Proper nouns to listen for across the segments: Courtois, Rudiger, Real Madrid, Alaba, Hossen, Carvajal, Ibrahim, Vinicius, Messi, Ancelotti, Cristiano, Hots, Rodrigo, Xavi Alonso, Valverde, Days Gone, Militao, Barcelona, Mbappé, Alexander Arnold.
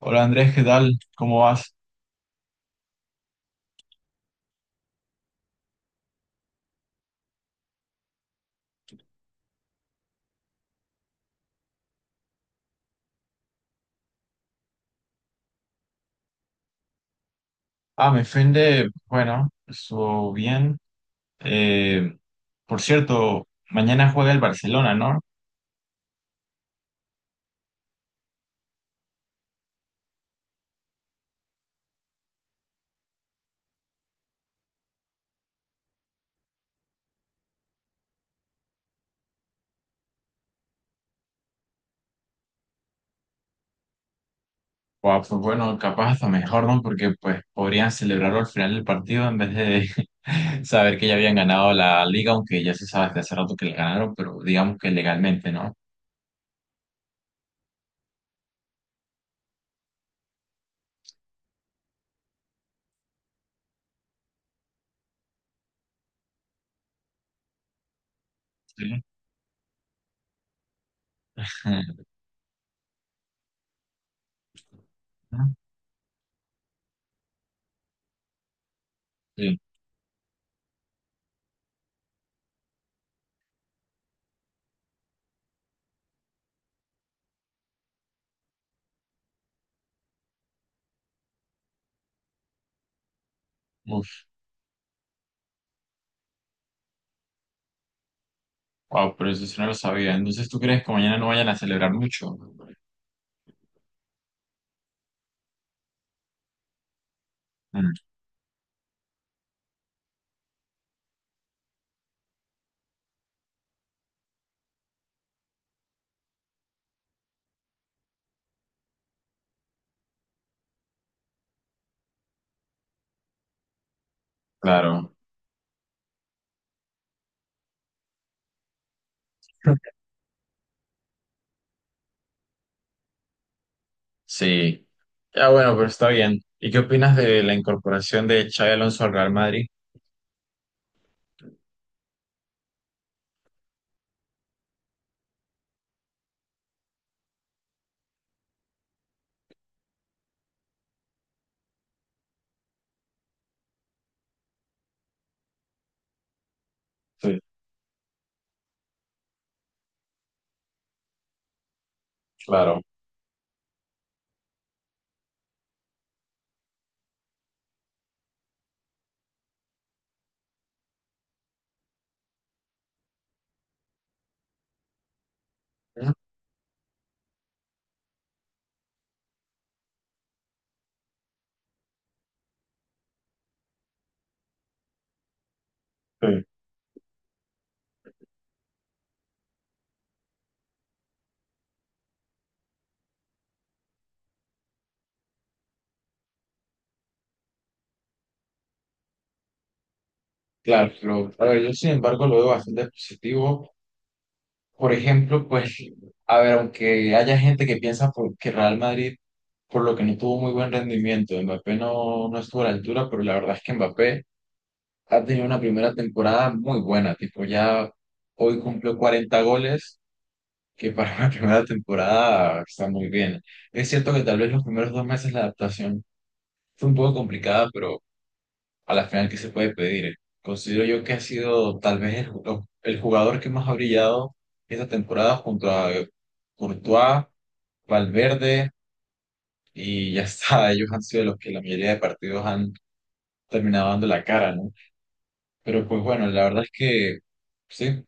Hola Andrés, ¿qué tal? ¿Cómo vas? Ah, me ofende, bueno, eso bien. Eh, por cierto, mañana juega el Barcelona, ¿no? Guau, pues bueno, capaz hasta mejor, ¿no? Porque pues podrían celebrarlo al final del partido en vez de saber que ya habían ganado la liga, aunque ya se sabe desde hace rato que la ganaron, pero digamos que legalmente, ¿no? Sí. Ajá. Sí. Uf, wow, pero eso sí no lo sabía. Entonces, ¿tú crees que mañana no vayan a celebrar mucho? Mm, claro. Sí. Ya bueno, pero está bien. ¿Y qué opinas de la incorporación de Xavi Alonso al Real Madrid? Sí, claro. Ujú. Sí, claro. A ver, yo sin embargo lo veo bastante positivo. Por ejemplo, pues, a ver, aunque haya gente que piensa que Real Madrid, por lo que no tuvo muy buen rendimiento, Mbappé no estuvo a la altura, pero la verdad es que Mbappé ha tenido una primera temporada muy buena, tipo ya hoy cumplió 40 goles que para una primera temporada está muy bien. Es cierto que tal vez los primeros dos meses la adaptación fue un poco complicada, pero a la final, ¿qué se puede pedir? Considero yo que ha sido tal vez el jugador que más ha brillado esta temporada junto a Courtois, Valverde y ya está. Ellos han sido los que la mayoría de partidos han terminado dando la cara, ¿no? Pero pues bueno, la verdad es que sí,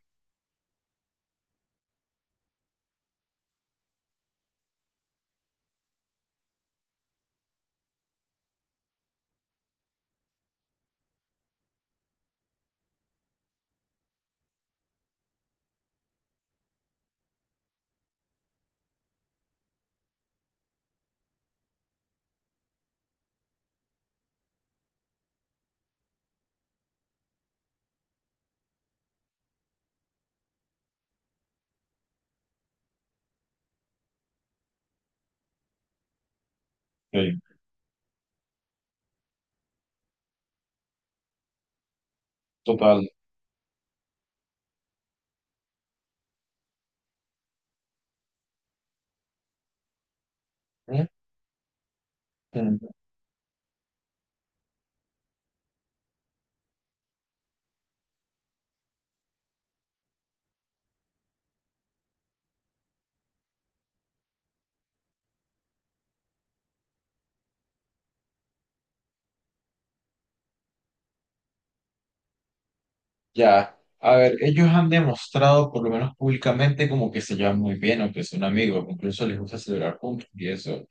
sí, total. ¿Eh? Ya, a ver, ellos han demostrado, por lo menos públicamente, como que se llevan muy bien, aunque son amigos, incluso les gusta celebrar juntos y eso.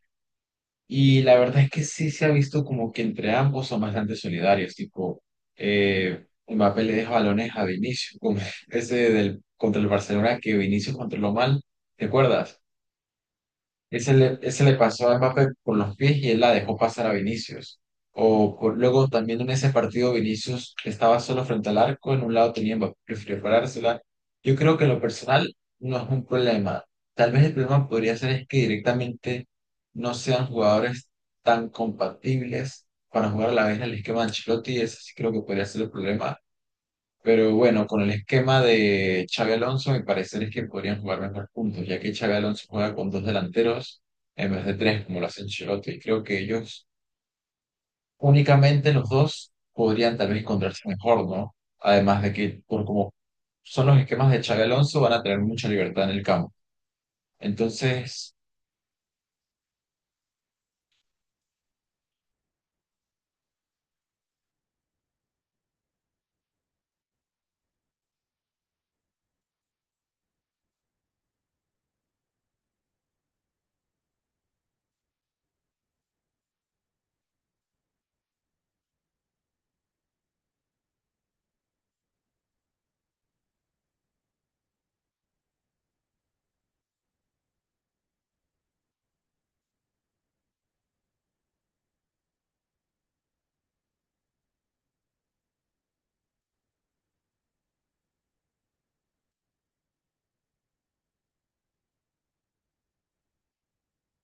Y la verdad es que sí se ha visto como que entre ambos son bastante solidarios, tipo, Mbappé le deja balones a Vinicius, como ese del, contra el Barcelona que Vinicius controló mal, ¿te acuerdas? Ese le pasó a Mbappé con los pies y él la dejó pasar a Vinicius. Luego también en ese partido Vinicius estaba solo frente al arco, en un lado tenía Mbappé que preparársela. Yo creo que en lo personal no es un problema. Tal vez el problema podría ser es que directamente no sean jugadores tan compatibles para jugar a la vez en el esquema de Ancelotti. Ese sí creo que podría ser el problema, pero bueno, con el esquema de Xabi Alonso, mi parecer es que podrían jugar mejor juntos, ya que Xabi Alonso juega con dos delanteros en vez de tres, como lo hace Ancelotti. Y creo que ellos, únicamente los dos, podrían tal vez encontrarse mejor, ¿no? Además de que, por como son los esquemas de Xabi Alonso, van a tener mucha libertad en el campo. Entonces,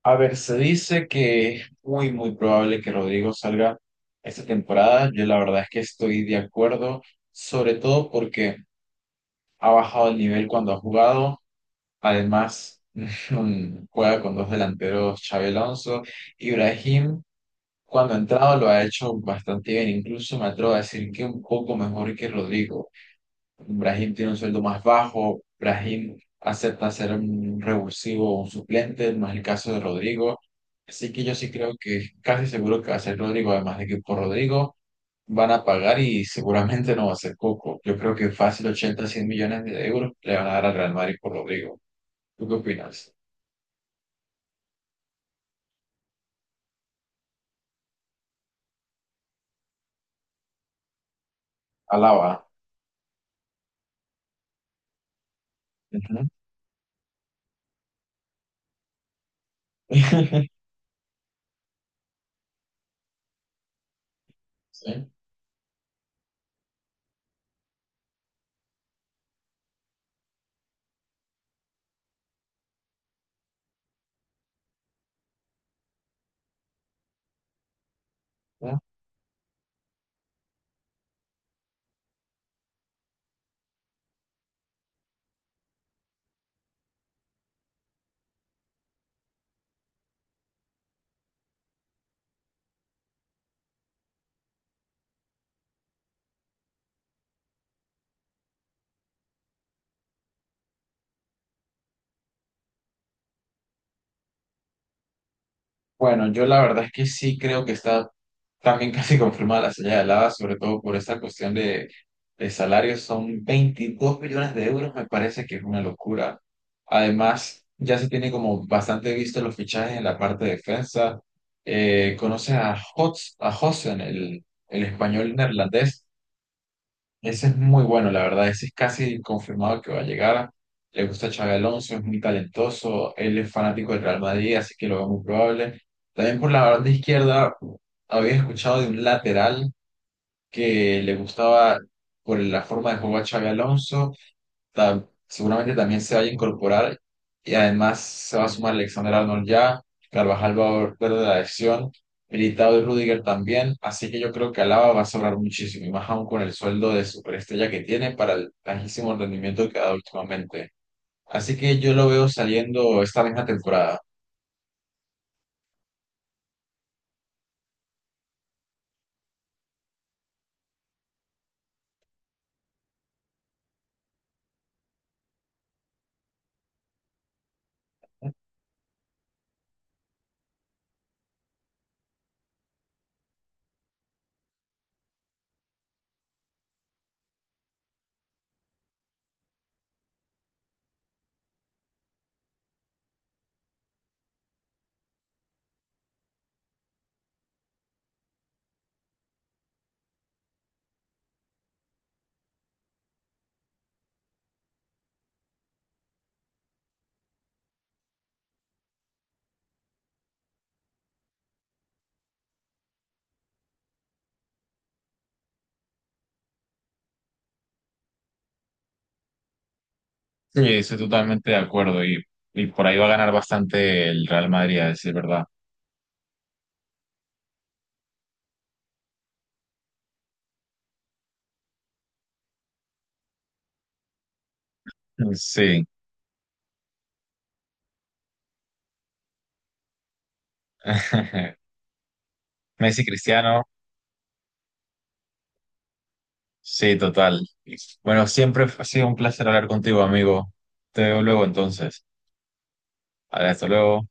a ver, se dice que es muy, muy probable que Rodrigo salga esta temporada. Yo la verdad es que estoy de acuerdo, sobre todo porque ha bajado el nivel cuando ha jugado. Además, juega con dos delanteros, Xabi Alonso. Ibrahim, cuando ha entrado, lo ha hecho bastante bien. Incluso me atrevo a decir que un poco mejor que Rodrigo. Ibrahim tiene un sueldo más bajo. Ibrahim acepta ser un revulsivo o un suplente, no es el caso de Rodrigo. Así que yo sí creo que casi seguro que va a ser Rodrigo, además de que por Rodrigo van a pagar y seguramente no va a ser poco. Yo creo que fácil 80, 100 millones de euros le van a dar al Real Madrid por Rodrigo. ¿Tú qué opinas? Alaba. Ujú. Sí. ¿No? Bueno, yo la verdad es que sí creo que está también casi confirmada la salida de Lava, sobre todo por esta cuestión de salarios. Son 22 millones de euros, me parece que es una locura. Además, ya se tiene como bastante visto los fichajes en la parte de defensa. Conoces a Hots, a Hossen, el español neerlandés. Ese es muy bueno, la verdad, ese es casi confirmado que va a llegar. Le gusta a Xabi Alonso, es muy talentoso, él es fanático del Real Madrid, así que lo veo muy probable. También por la banda izquierda, había escuchado de un lateral que le gustaba por la forma de jugar a Xabi Alonso, seguramente también se vaya a incorporar y además se va a sumar Alexander Arnold ya, Carvajal va a volver de la lesión, Militao y Rudiger también, así que yo creo que Alaba va a sobrar muchísimo y más aún con el sueldo de superestrella que tiene para el bajísimo rendimiento que ha dado últimamente. Así que yo lo veo saliendo esta misma temporada. Sí, estoy totalmente de acuerdo y por ahí va a ganar bastante el Real Madrid, a decir verdad. Sí. Messi, Cristiano. Sí, total. Bueno, siempre ha sido un placer hablar contigo, amigo. Te veo luego entonces. Hasta luego.